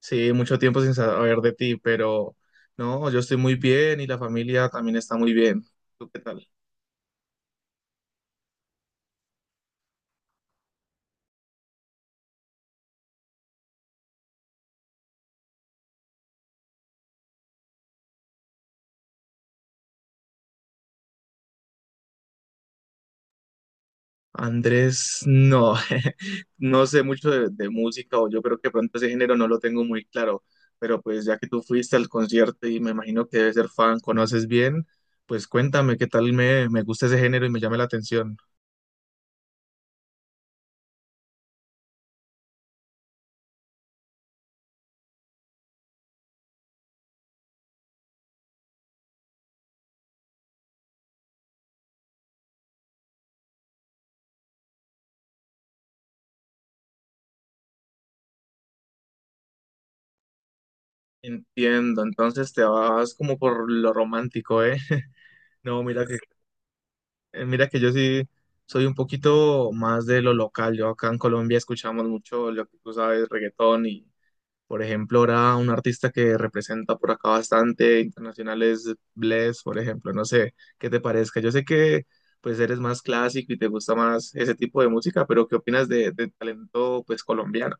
Sí, mucho tiempo sin saber de ti, pero no, yo estoy muy bien y la familia también está muy bien. ¿Tú qué tal? Andrés, no, no sé mucho de música, o yo creo que pronto ese género no lo tengo muy claro, pero pues ya que tú fuiste al concierto y me imagino que debes ser fan, conoces bien, pues cuéntame qué tal, me gusta ese género y me llama la atención. Entiendo, entonces te vas como por lo romántico, ¿eh? No, mira. Mira que yo sí soy un poquito más de lo local. Yo acá en Colombia escuchamos mucho lo que tú sabes, reggaetón y, por ejemplo, ahora un artista que representa por acá bastante internacional es Bless, por ejemplo. No sé qué te parezca. Yo sé que pues eres más clásico y te gusta más ese tipo de música, pero ¿qué opinas de talento pues colombiano?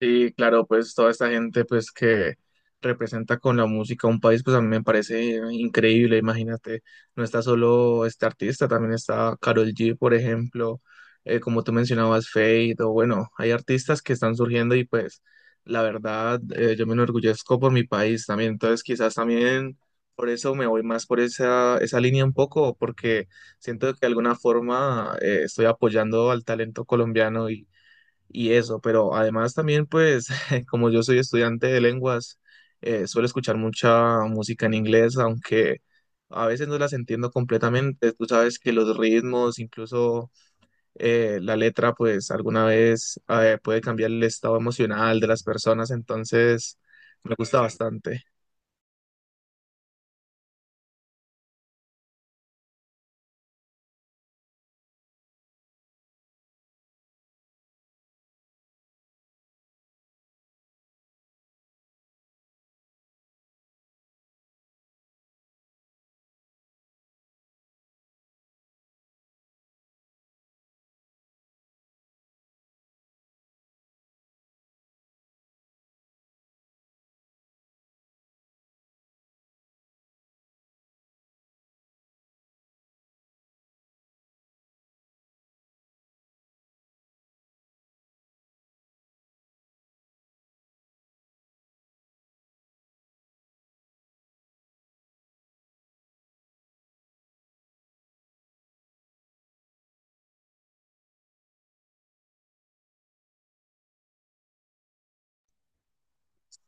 Sí, claro, pues toda esta gente pues que representa con la música un país, pues a mí me parece increíble, imagínate, no está solo este artista, también está Karol G, por ejemplo, como tú mencionabas, Fade, o bueno, hay artistas que están surgiendo y pues la verdad, yo me enorgullezco por mi país también, entonces quizás también por eso me voy más por esa línea un poco, porque siento que de alguna forma estoy apoyando al talento colombiano y eso, pero además también pues como yo soy estudiante de lenguas, suelo escuchar mucha música en inglés, aunque a veces no las entiendo completamente. Tú sabes que los ritmos, incluso la letra pues alguna vez puede cambiar el estado emocional de las personas, entonces me gusta bastante.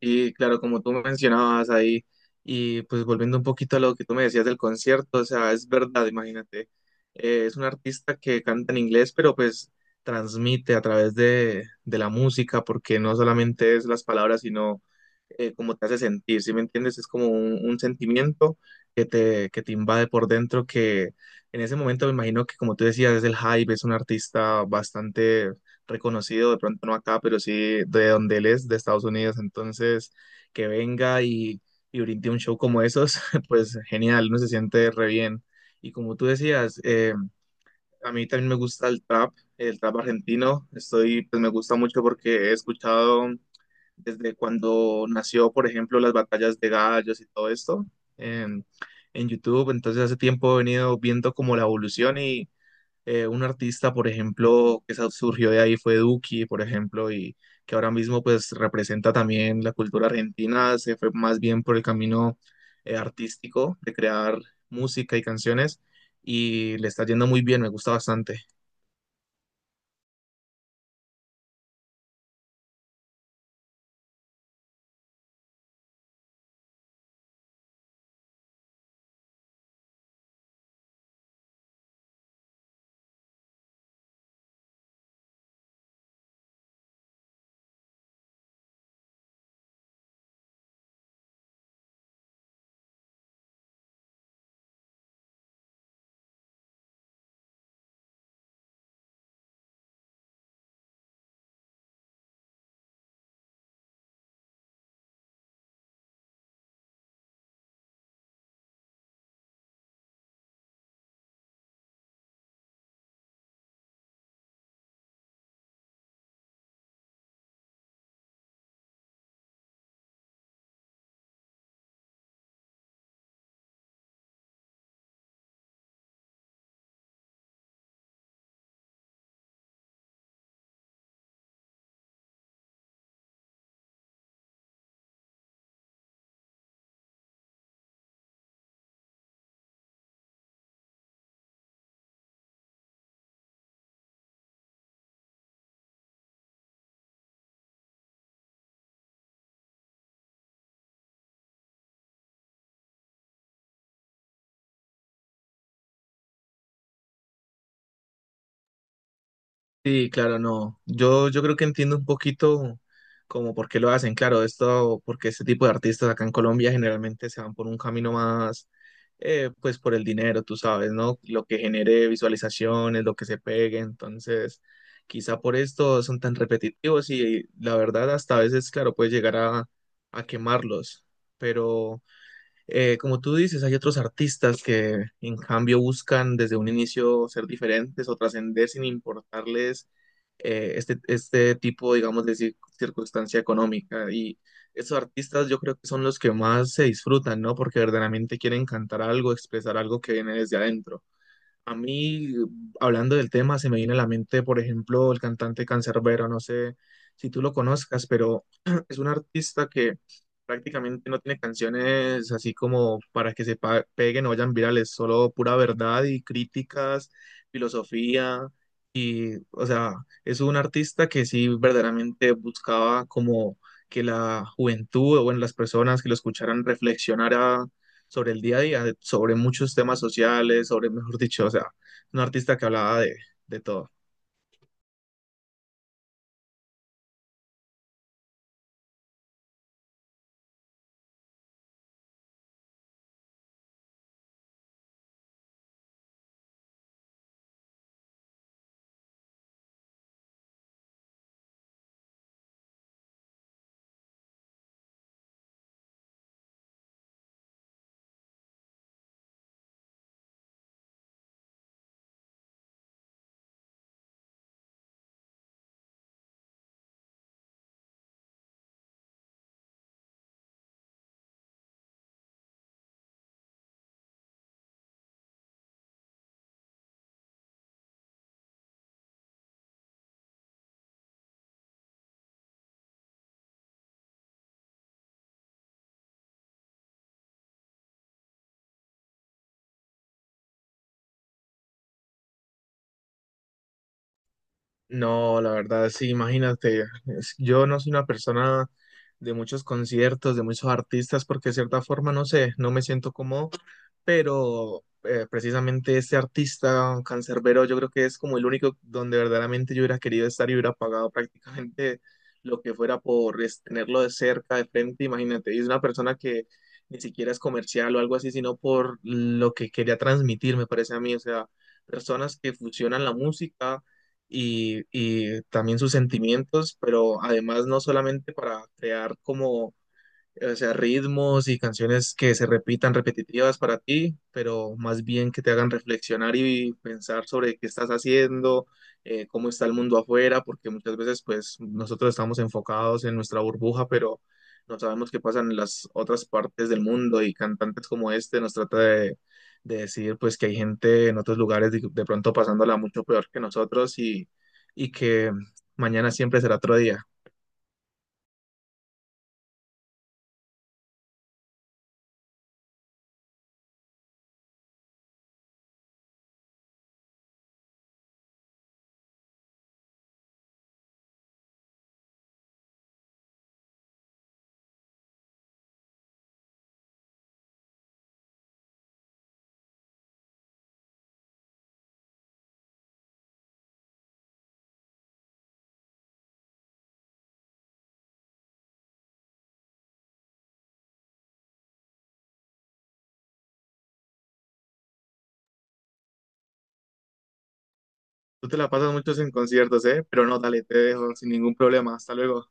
Y claro, como tú mencionabas ahí, y pues volviendo un poquito a lo que tú me decías del concierto, o sea, es verdad, imagínate, es un artista que canta en inglés, pero pues transmite a través de la música, porque no solamente es las palabras, sino cómo te hace sentir, ¿sí me entiendes? Es como un sentimiento que te invade por dentro, que en ese momento me imagino que como tú decías, es el hype, es un artista bastante reconocido, de pronto no acá, pero sí de donde él es, de Estados Unidos. Entonces, que venga y brinde un show como esos, pues genial, uno se siente re bien. Y como tú decías, a mí también me gusta el trap argentino. Estoy, pues me gusta mucho porque he escuchado desde cuando nació, por ejemplo, las batallas de gallos y todo esto en, en YouTube. Entonces hace tiempo he venido viendo como la evolución y, un artista, por ejemplo, surgió de ahí fue Duki, por ejemplo, y que ahora mismo pues representa también la cultura argentina, se fue más bien por el camino, artístico de crear música y canciones y le está yendo muy bien, me gusta bastante. Sí, claro, no. Yo creo que entiendo un poquito como por qué lo hacen. Claro, esto, porque este tipo de artistas acá en Colombia generalmente se van por un camino más, pues por el dinero, tú sabes, ¿no? Lo que genere visualizaciones, lo que se pegue. Entonces, quizá por esto son tan repetitivos y la verdad hasta a veces, claro, puede llegar a quemarlos. Pero como tú dices, hay otros artistas que en cambio buscan desde un inicio ser diferentes o trascender sin importarles este tipo, digamos, de circunstancia económica. Y esos artistas yo creo que son los que más se disfrutan, ¿no? Porque verdaderamente quieren cantar algo, expresar algo que viene desde adentro. A mí, hablando del tema, se me viene a la mente, por ejemplo, el cantante Canserbero, no sé si tú lo conozcas, pero es un artista que prácticamente no tiene canciones así como para que peguen o vayan virales, solo pura verdad y críticas, filosofía y, o sea, es un artista que sí verdaderamente buscaba como que la juventud o bueno, las personas que lo escucharan reflexionara sobre el día a día, sobre muchos temas sociales, sobre, mejor dicho, o sea, un artista que hablaba de todo. No, la verdad, sí, imagínate, yo no soy una persona de muchos conciertos, de muchos artistas, porque de cierta forma, no sé, no me siento cómodo, pero precisamente este artista cancerbero yo creo que es como el único donde verdaderamente yo hubiera querido estar y hubiera pagado prácticamente lo que fuera por tenerlo de cerca, de frente, imagínate, y es una persona que ni siquiera es comercial o algo así, sino por lo que quería transmitir, me parece a mí, o sea, personas que fusionan la música y también sus sentimientos, pero además no solamente para crear como, o sea, ritmos y canciones que se repitan repetitivas para ti, pero más bien que te hagan reflexionar y pensar sobre qué estás haciendo, cómo está el mundo afuera, porque muchas veces pues nosotros estamos enfocados en nuestra burbuja, pero no sabemos qué pasa en las otras partes del mundo y cantantes como este nos trata de decir pues que hay gente en otros lugares de pronto pasándola mucho peor que nosotros y que mañana siempre será otro día. Tú te la pasas muchos en conciertos, ¿eh? Pero no, dale, te dejo sin ningún problema. Hasta luego.